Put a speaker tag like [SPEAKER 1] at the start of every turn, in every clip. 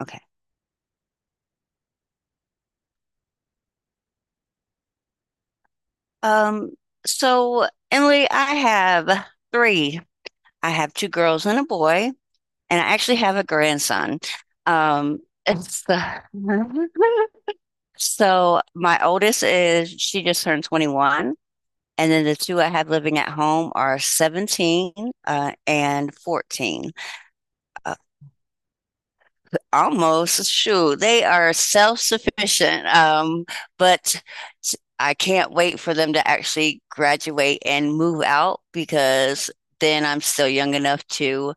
[SPEAKER 1] Okay. Um, so Emily, I have three. I have two girls and a boy, and I actually have a grandson. Um, it's the So my oldest is she just turned 21, and then the two I have living at home are 17 and 14. Uh, Almost shoot. They are self-sufficient, but I can't wait for them to actually graduate and move out because then I'm still young enough to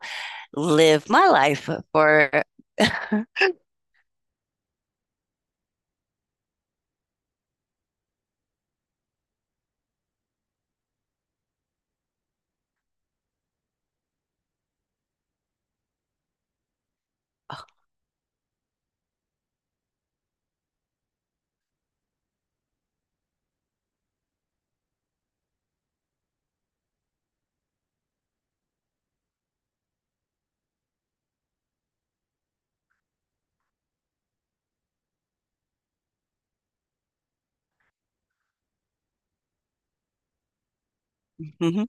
[SPEAKER 1] live my life for. Mhm.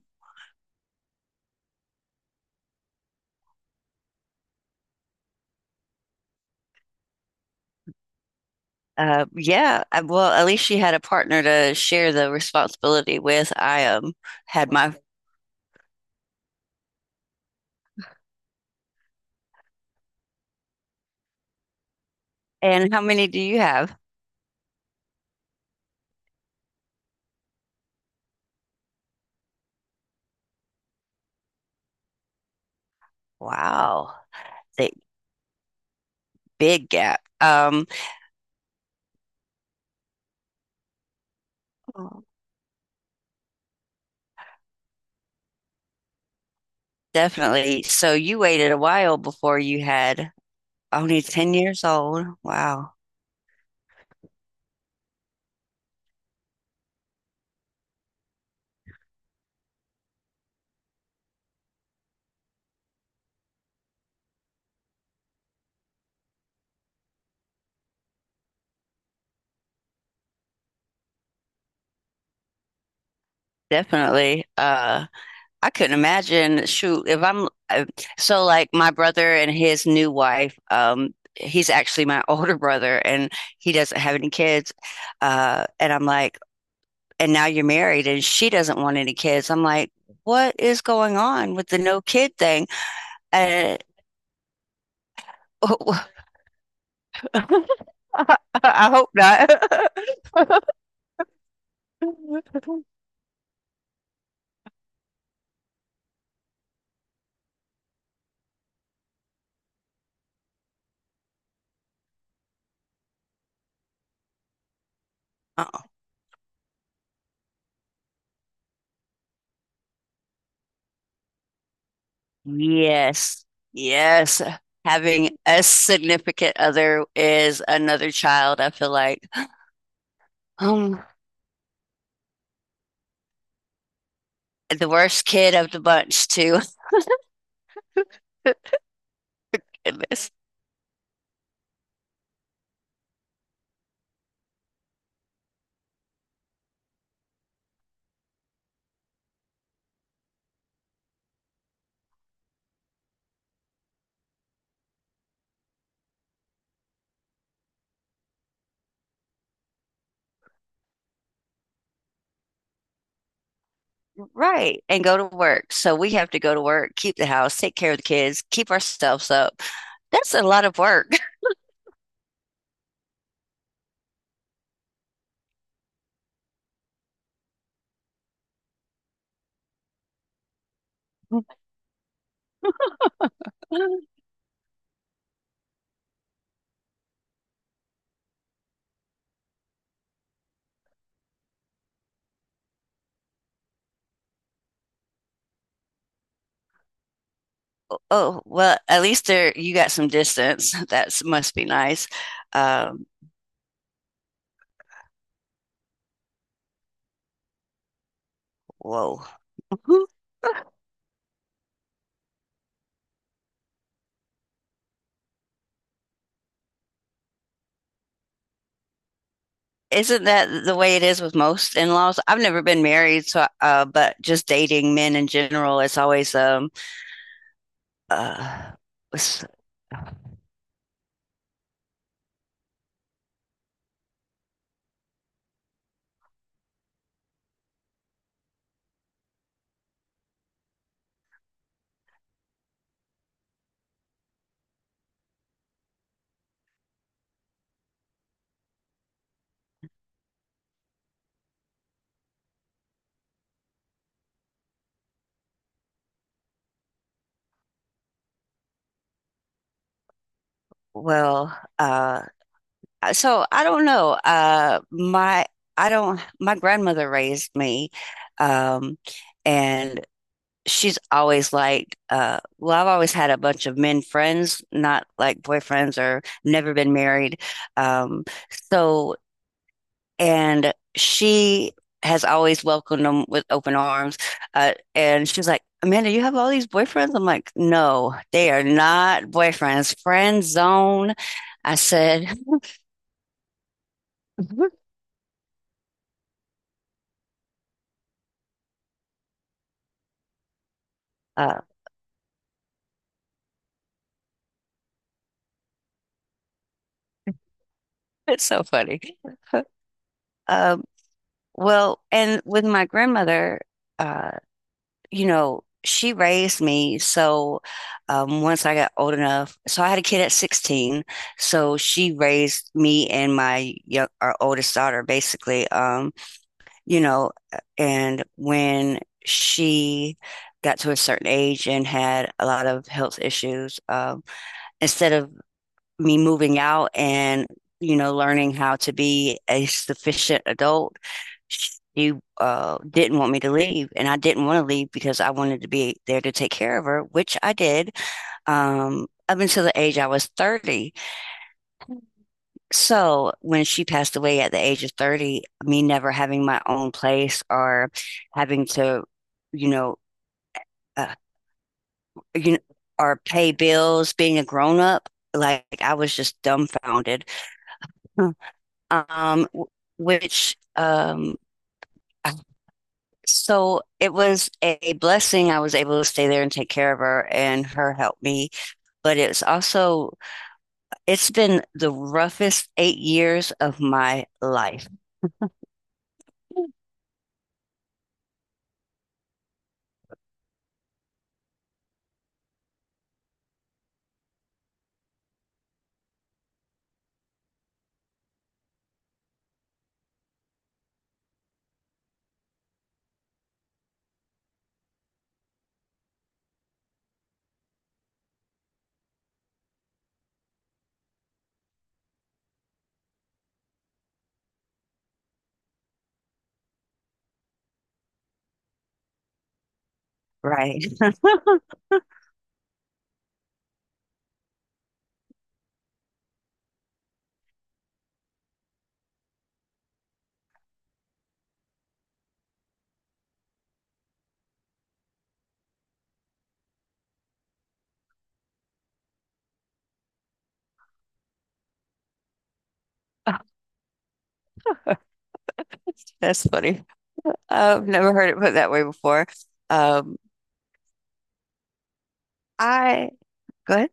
[SPEAKER 1] Yeah, well, at least she had a partner to share the responsibility with. Had my, and how many do you have? Wow, the big gap. Oh. Definitely. So you waited a while before you had only 10 years old. Wow. Definitely. I couldn't imagine. Shoot, if I'm so like my brother and his new wife, he's actually my older brother and he doesn't have any kids. And I'm like, and now you're married and she doesn't want any kids. I'm like, what is going on with the no kid thing? Uh, oh, yes. Yes. Having a significant other is another child, I feel like. Um, the worst kid of the bunch too. Right. And go to work. So we have to go to work, keep the house, take care of the kids, keep ourselves up. That's a lot of work. Oh, well, at least there you got some distance. That must be nice. Um, whoa. Isn't that the way it is with most in laws? I've never been married, so but just dating men in general, it's always uh, well, uh, so I don't know. My I don't. My grandmother raised me, um, and she's always liked. Well, I've always had a bunch of men friends, not like boyfriends, or never been married. Um, so and she has always welcomed them with open arms. And she's like, Amanda, you have all these boyfriends? I'm like, no, they are not boyfriends. Friend zone. I said, uh, it's so funny. Uh, well, and with my grandmother, uh, you know, she raised me. So once I got old enough, so I had a kid at 16. So she raised me and our oldest daughter, basically. You know, and when she got to a certain age and had a lot of health issues, instead of me moving out and, you know, learning how to be a sufficient adult, she didn't want me to leave. And I didn't want to leave because I wanted to be there to take care of her, which I did up until the age I was 30. So when she passed away at the age of 30, me never having my own place or having to, you know, uh, you know, or pay bills, being a grown up, like I was just dumbfounded. Hmm. um, which so it was a blessing. I was able to stay there and take care of her, and her helped me. But it's also it's been the roughest 8 years of my life. Right. That's funny. I've never heard it put that way before. Um, I go ahead.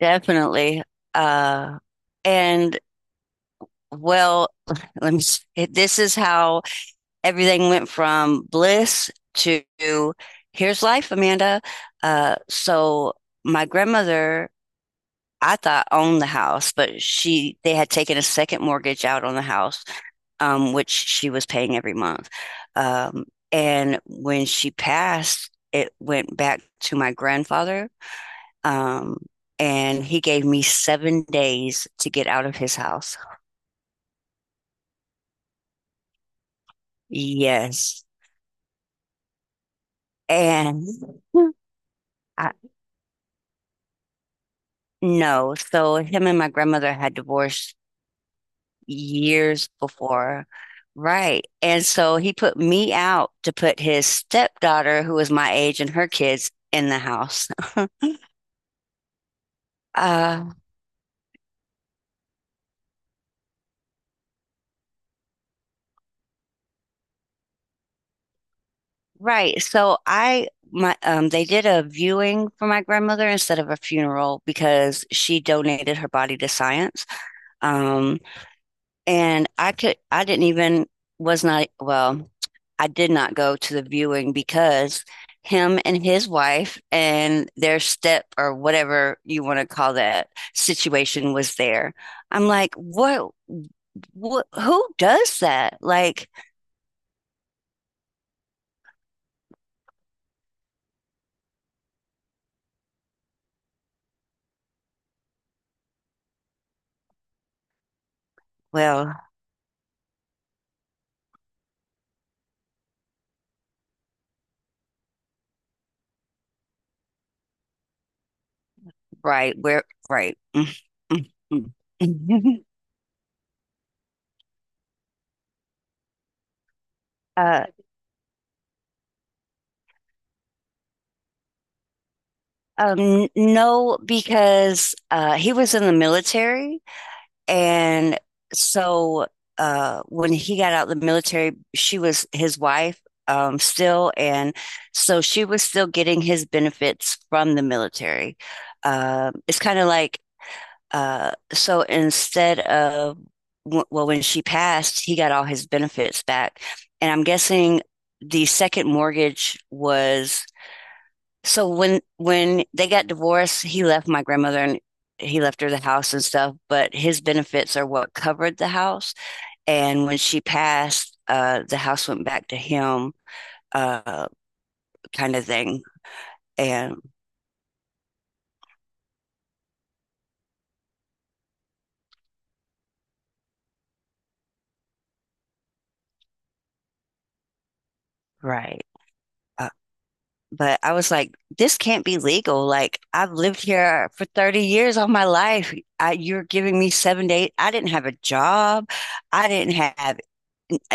[SPEAKER 1] Definitely. Uh, and Well, let me. This is how everything went from bliss to here's life, Amanda. So my grandmother, I thought owned the house, but she they had taken a second mortgage out on the house, which she was paying every month. Um, and when she passed, it went back to my grandfather, um, and he gave me 7 days to get out of his house. Yes. And I, no, so him and my grandmother had divorced years before. Right. And so he put me out to put his stepdaughter, who was my age, and her kids in the house. Uh, right. So I my they did a viewing for my grandmother instead of a funeral because she donated her body to science. Um and I could I didn't even was not well, I did not go to the viewing because him and his wife and their step or whatever you want to call that situation was there. I'm like, what who does that? Like, well, right, We're right. uh no because he was in the military. And so When he got out of the military, she was his wife still. And so she was still getting his benefits from the military. It's kind of like, uh, so instead of, well, when she passed, he got all his benefits back. And I'm guessing the second mortgage was so when they got divorced, he left my grandmother and he left her the house and stuff, but his benefits are what covered the house. And when she passed, the house went back to him, uh, kind of thing. And right. Uh, but I was like, this can't be legal. Like I've lived here for 30 years of my life. I, you're giving me seven to eight. I didn't have a job. I didn't have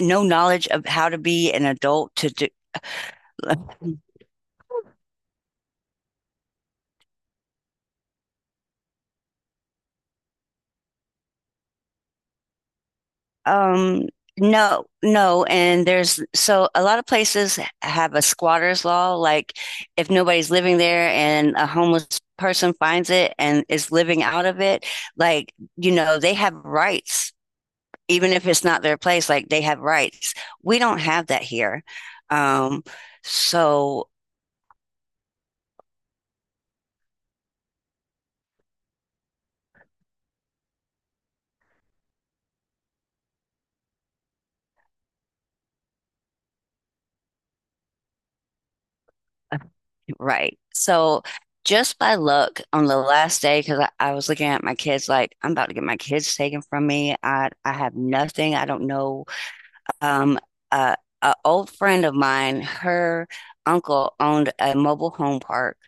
[SPEAKER 1] no knowledge of how to be an adult to do. Um, no, no, and there's so a lot of places have a squatter's law, like if nobody's living there and a homeless person finds it and is living out of it, like, you know, they have rights, even if it's not their place, like they have rights. We don't have that here. Um, so right. So just by luck on the last day, because I was looking at my kids like, I'm about to get my kids taken from me. I have nothing. I don't know um, a, a old friend of mine, her uncle owned a mobile home park,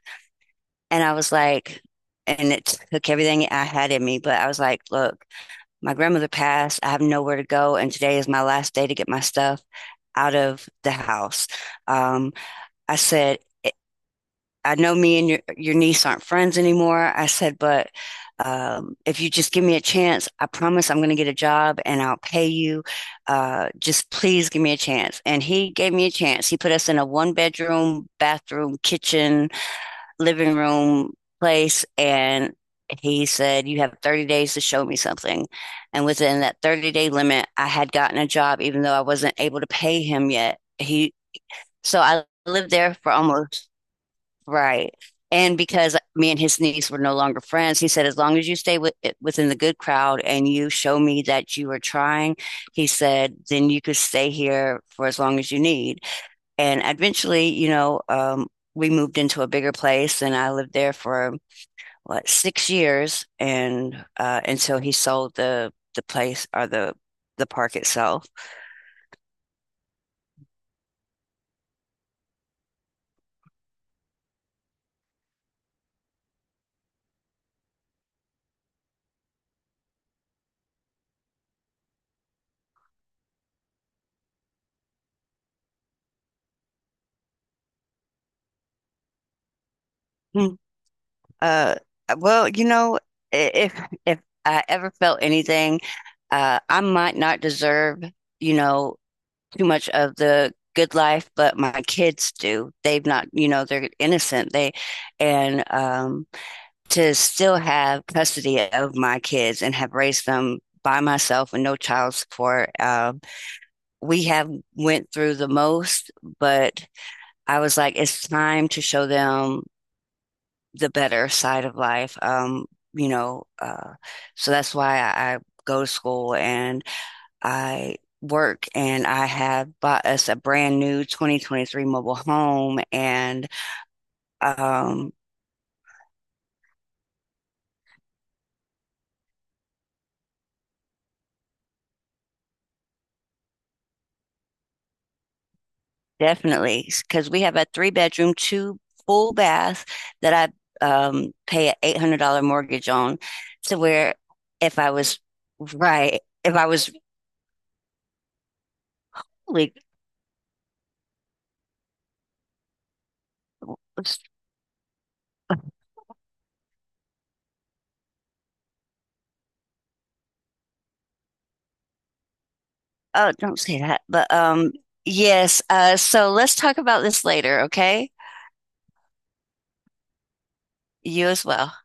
[SPEAKER 1] and I was like, and it took everything I had in me, but I was like, look, my grandmother passed. I have nowhere to go, and today is my last day to get my stuff out of the house. Um, I said, I know me and your niece aren't friends anymore. I said, but if you just give me a chance, I promise I'm going to get a job and I'll pay you. Just please give me a chance. And he gave me a chance. He put us in a one bedroom, bathroom, kitchen, living room place. And he said, you have 30 days to show me something. And within that 30-day limit, I had gotten a job, even though I wasn't able to pay him yet. So I lived there for almost. Right. And because me and his niece were no longer friends, he said, as long as you stay with, within the good crowd and you show me that you are trying, he said, then you could stay here for as long as you need. And eventually, you know, we moved into a bigger place and I lived there for what, 6 years. And until he sold the place or the park itself. Hmm. Uh, well, you know, I- if I ever felt anything, I might not deserve, you know, too much of the good life, but my kids do. They've not, you know, they're innocent. They and to still have custody of my kids and have raised them by myself with no child support. We have went through the most, but I was like, it's time to show them the better side of life. You know, so that's why I go to school and I work and I have bought us a brand new 2023 mobile home and um definitely because we have a three bedroom, two full bath that I pay an $800 mortgage on to where if I was right, if I was really. Oh, don't say that. But yes. So let's talk about this later, okay? You as well.